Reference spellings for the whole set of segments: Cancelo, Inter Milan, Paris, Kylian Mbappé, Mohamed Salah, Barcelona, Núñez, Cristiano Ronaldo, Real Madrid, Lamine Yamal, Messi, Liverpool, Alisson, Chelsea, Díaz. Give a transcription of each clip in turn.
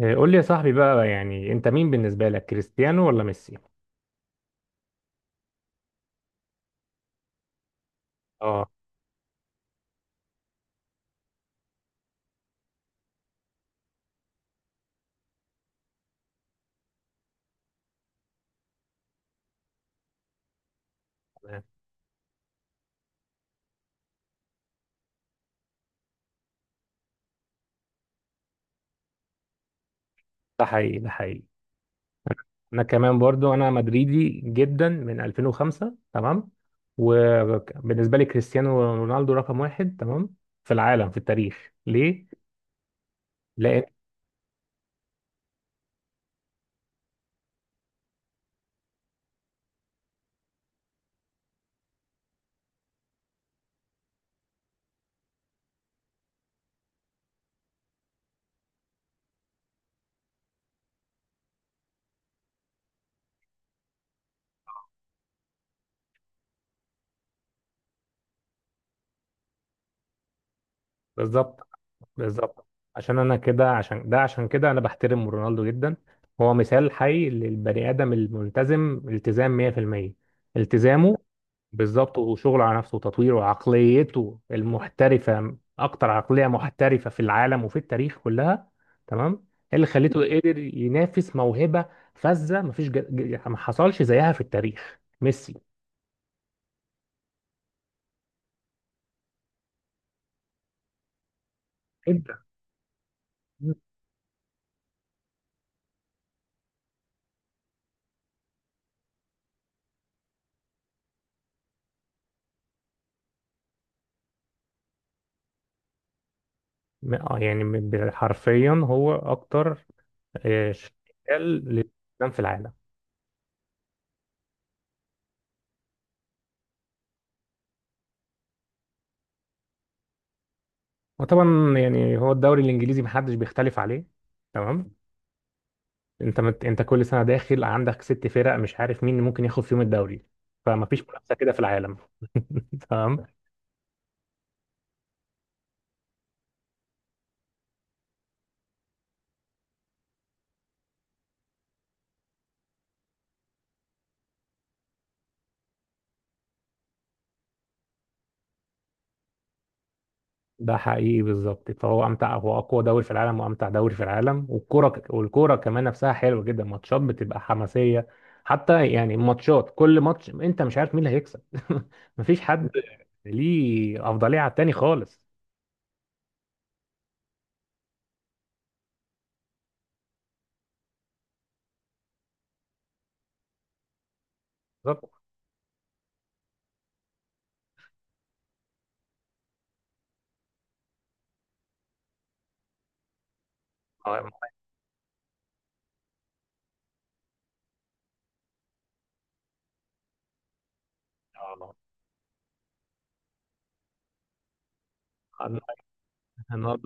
إيه، قول لي يا صاحبي بقى، يعني انت مين بالنسبة لك، كريستيانو ولا ميسي؟ اه. تمام. ده حقيقي، ده حقيقي. انا كمان برضو انا مدريدي جدا من 2005. تمام. وبالنسبة لي كريستيانو رونالدو رقم واحد. تمام. في العالم، في التاريخ، ليه؟ لان. بالظبط. بالظبط. عشان انا كده عشان ده عشان كده انا بحترم رونالدو جدا. هو مثال حي للبني ادم الملتزم، التزام 100%، التزامه. بالظبط. وشغل على نفسه وتطوير، وعقليته المحترفة أكتر عقلية محترفة في العالم وفي التاريخ كلها. تمام. إيه اللي خليته قدر ينافس موهبة فذة؟ مفيش يعني ما حصلش زيها في التاريخ ميسي. انت م- يعني حرفيا هو أكتر، شغال للإسلام في العالم. وطبعا يعني هو الدوري الإنجليزي محدش بيختلف عليه. تمام. انت كل سنه داخل عندك ست فرق، مش عارف مين ممكن ياخد فيهم الدوري، فمفيش منافسه كده في العالم. تمام. ده حقيقي، بالظبط. فهو امتع، هو اقوى دوري في العالم وامتع دوري في العالم، والكوره كمان نفسها حلوه جدا، ماتشات بتبقى حماسيه. حتى يعني ماتشات، كل ماتش انت مش عارف مين اللي هيكسب. مفيش حد ليه افضليه على التاني خالص. بالظبط. آه، آه، آه، آه، آه،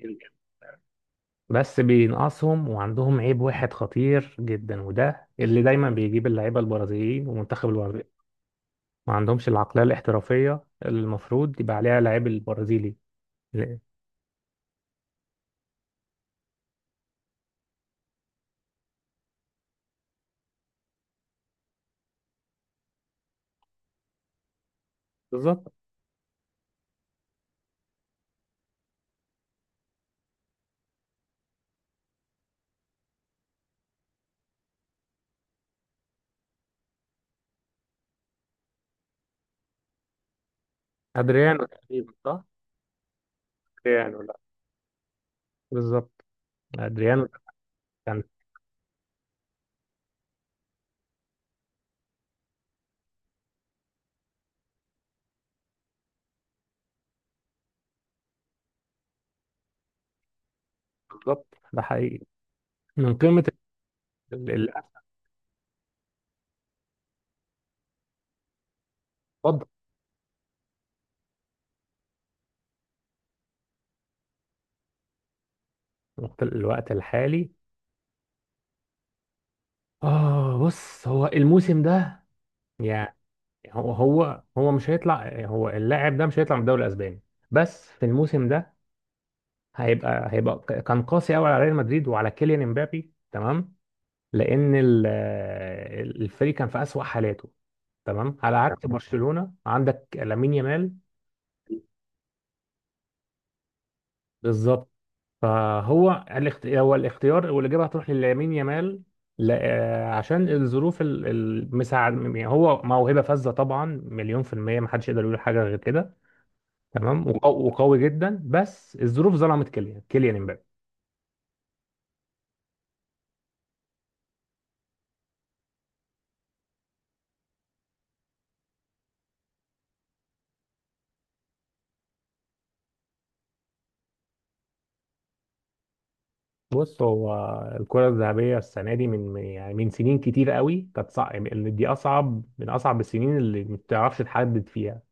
آه. بس بينقصهم وعندهم عيب واحد خطير جدا، وده اللي دايما بيجيب اللعيبه البرازيليين ومنتخب البرازيل. ما عندهمش العقليه الاحترافيه اللي المفروض يبقى عليها لعيب البرازيلي. لا. بالظبط. ادريانو تقريبا، صح. ادريانو، لا. بالظبط. ادريانو ده كان. بالظبط، ده حقيقي. من قيمه ال- ال- اتفضل. الوقت الحالي. اه، بص، هو الموسم ده يعني، هو هو هو مش هيطلع، هو اللاعب ده مش هيطلع من الدوري الاسباني. بس في الموسم ده، كان قاسي قوي على ريال مدريد وعلى كيليان امبابي. تمام. لان الفريق كان في اسوأ حالاته. تمام، على عكس. تمام. برشلونة عندك لامين يامال. بالظبط. فهو هو الاختيار، والاجابه هتروح للامين يامال. ل... آه، عشان الظروف المساعد، يعني هو موهبه فذه طبعا، مليون في الميه، ما حدش يقدر يقول حاجه غير كده. تمام. وقوي جدا، بس الظروف ظلمت كيليان، كيليان امبابي. بص، هو الكرة الذهبية السنة دي يعني من سنين كتير قوي كانت صعب، اللي دي أصعب من أصعب السنين اللي ما بتعرفش تحدد فيها.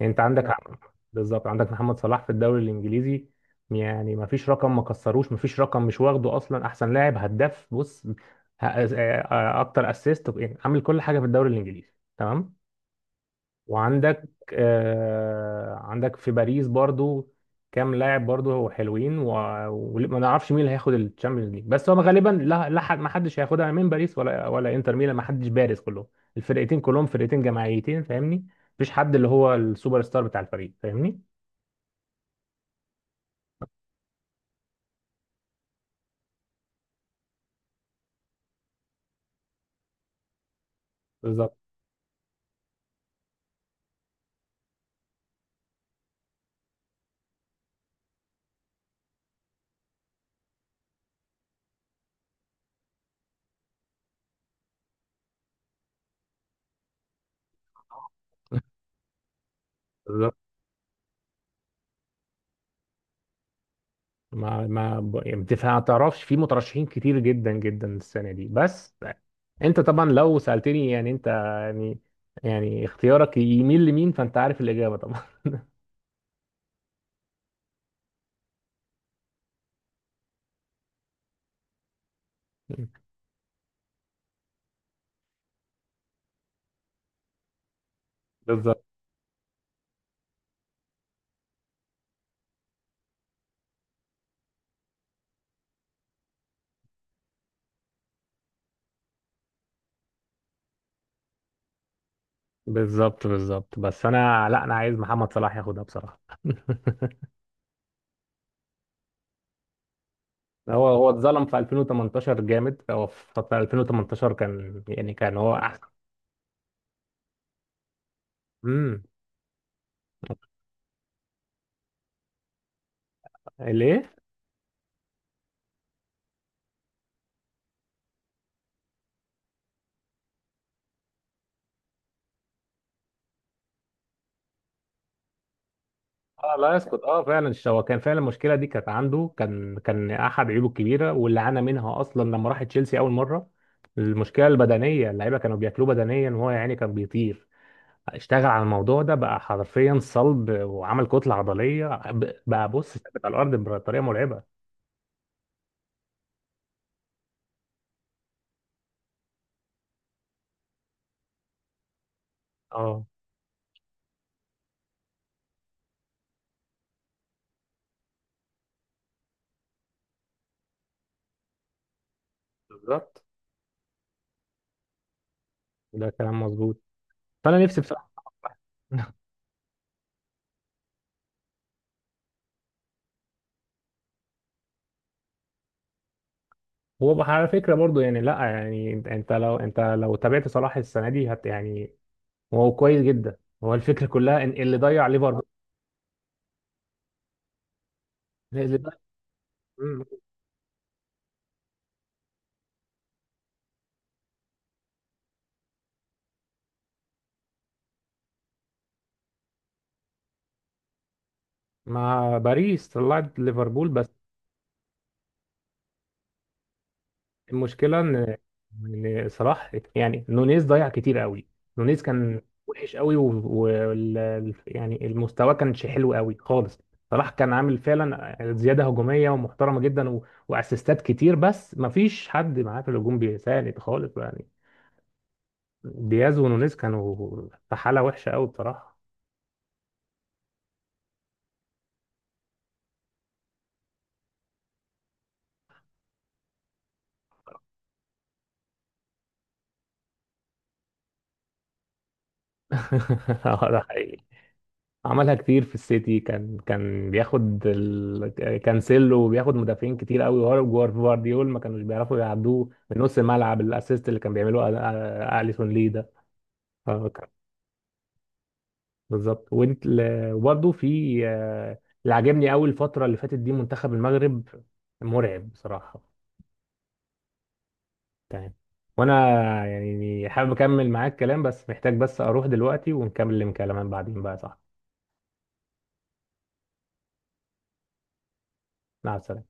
يعني أنت عندك، نعم. بالظبط. عندك محمد صلاح في الدوري الإنجليزي، يعني ما فيش رقم ما كسروش، ما فيش رقم مش واخده أصلا. أحسن لاعب، هداف، بص ه- آه، آه، أكتر أسيست، عامل كل حاجة في الدوري الإنجليزي. تمام. وعندك آه عندك في باريس برضو كام لاعب برضو هو حلوين، وما نعرفش مين اللي هياخد الشامبيونز ليج، بس هو غالبا لا، حد، ما حدش هياخدها من باريس ولا انتر ميلان. ما حدش بارز، كلهم الفرقتين كلهم فرقتين جماعيتين، فاهمني؟ مفيش حد اللي هو السوبر ستار بتاع الفريق، فاهمني؟ بالظبط. بالظبط. ما ما ب- يعني بتف- ما تعرفش، في مترشحين كتير جدا جدا السنه دي. بس انت طبعا لو سالتني، يعني انت، يعني اختيارك يميل لمين، فانت عارف الاجابه. بالظبط. بالظبط. بالظبط، بس انا، لا، انا عايز محمد صلاح ياخدها بصراحه. هو اتظلم في 2018 جامد، هو في 2018 كان، يعني كان هو احسن. امم ليه؟ اه، لا يسقط. اه فعلا، هو كان فعلا المشكله دي كانت عنده، كان احد عيوبه الكبيره واللي عانى منها اصلا لما راح تشيلسي اول مره. المشكله البدنيه، اللعيبه كانوا بياكلوه بدنيا، وهو يعني كان بيطير. اشتغل على الموضوع ده بقى حرفيا، صلب وعمل كتلة عضلية، بقى بص ثابت على الأرض بطريقة مرعبة. اه، بالظبط، ده كلام مظبوط. فأنا نفسي بصراحة. هو بقى على فكرة برضو، يعني لا يعني، انت أنت لو انت تابعت صلاح السنة دي، يعني هو كويس جدا. هو الفكرة كلها ان اللي ضيع ليفربول، اللي ضيع. مم. مع باريس طلعت ليفربول. المشكله ان صلاح، يعني نونيز ضيع كتير قوي. نونيز كان وحش قوي، يعني المستوى كانش حلو قوي خالص. صلاح كان عامل فعلا زياده هجوميه ومحترمه جدا، واسيستات كتير، بس ما فيش حد معاه في الهجوم بيساعد خالص يعني. دياز ونونيز كانوا في حاله وحشه قوي بصراحه. اه، ده حقيقي. عملها كتير في السيتي، كان بياخد كانسيلو وبياخد مدافعين كتير قوي، وجوارديول ما كانوش بيعرفوا يعدوه من نص الملعب. الاسيست اللي كان بيعمله اليسون ليه ده؟ آه، كان- بالظبط. وانت وبرضه في، اللي عاجبني قوي الفتره اللي فاتت دي، منتخب المغرب، مرعب بصراحه. تمام. وانا يعني حابب اكمل معاك كلام، بس محتاج بس اروح دلوقتي ونكمل الكلام بعدين بقى، صح؟ مع السلامه.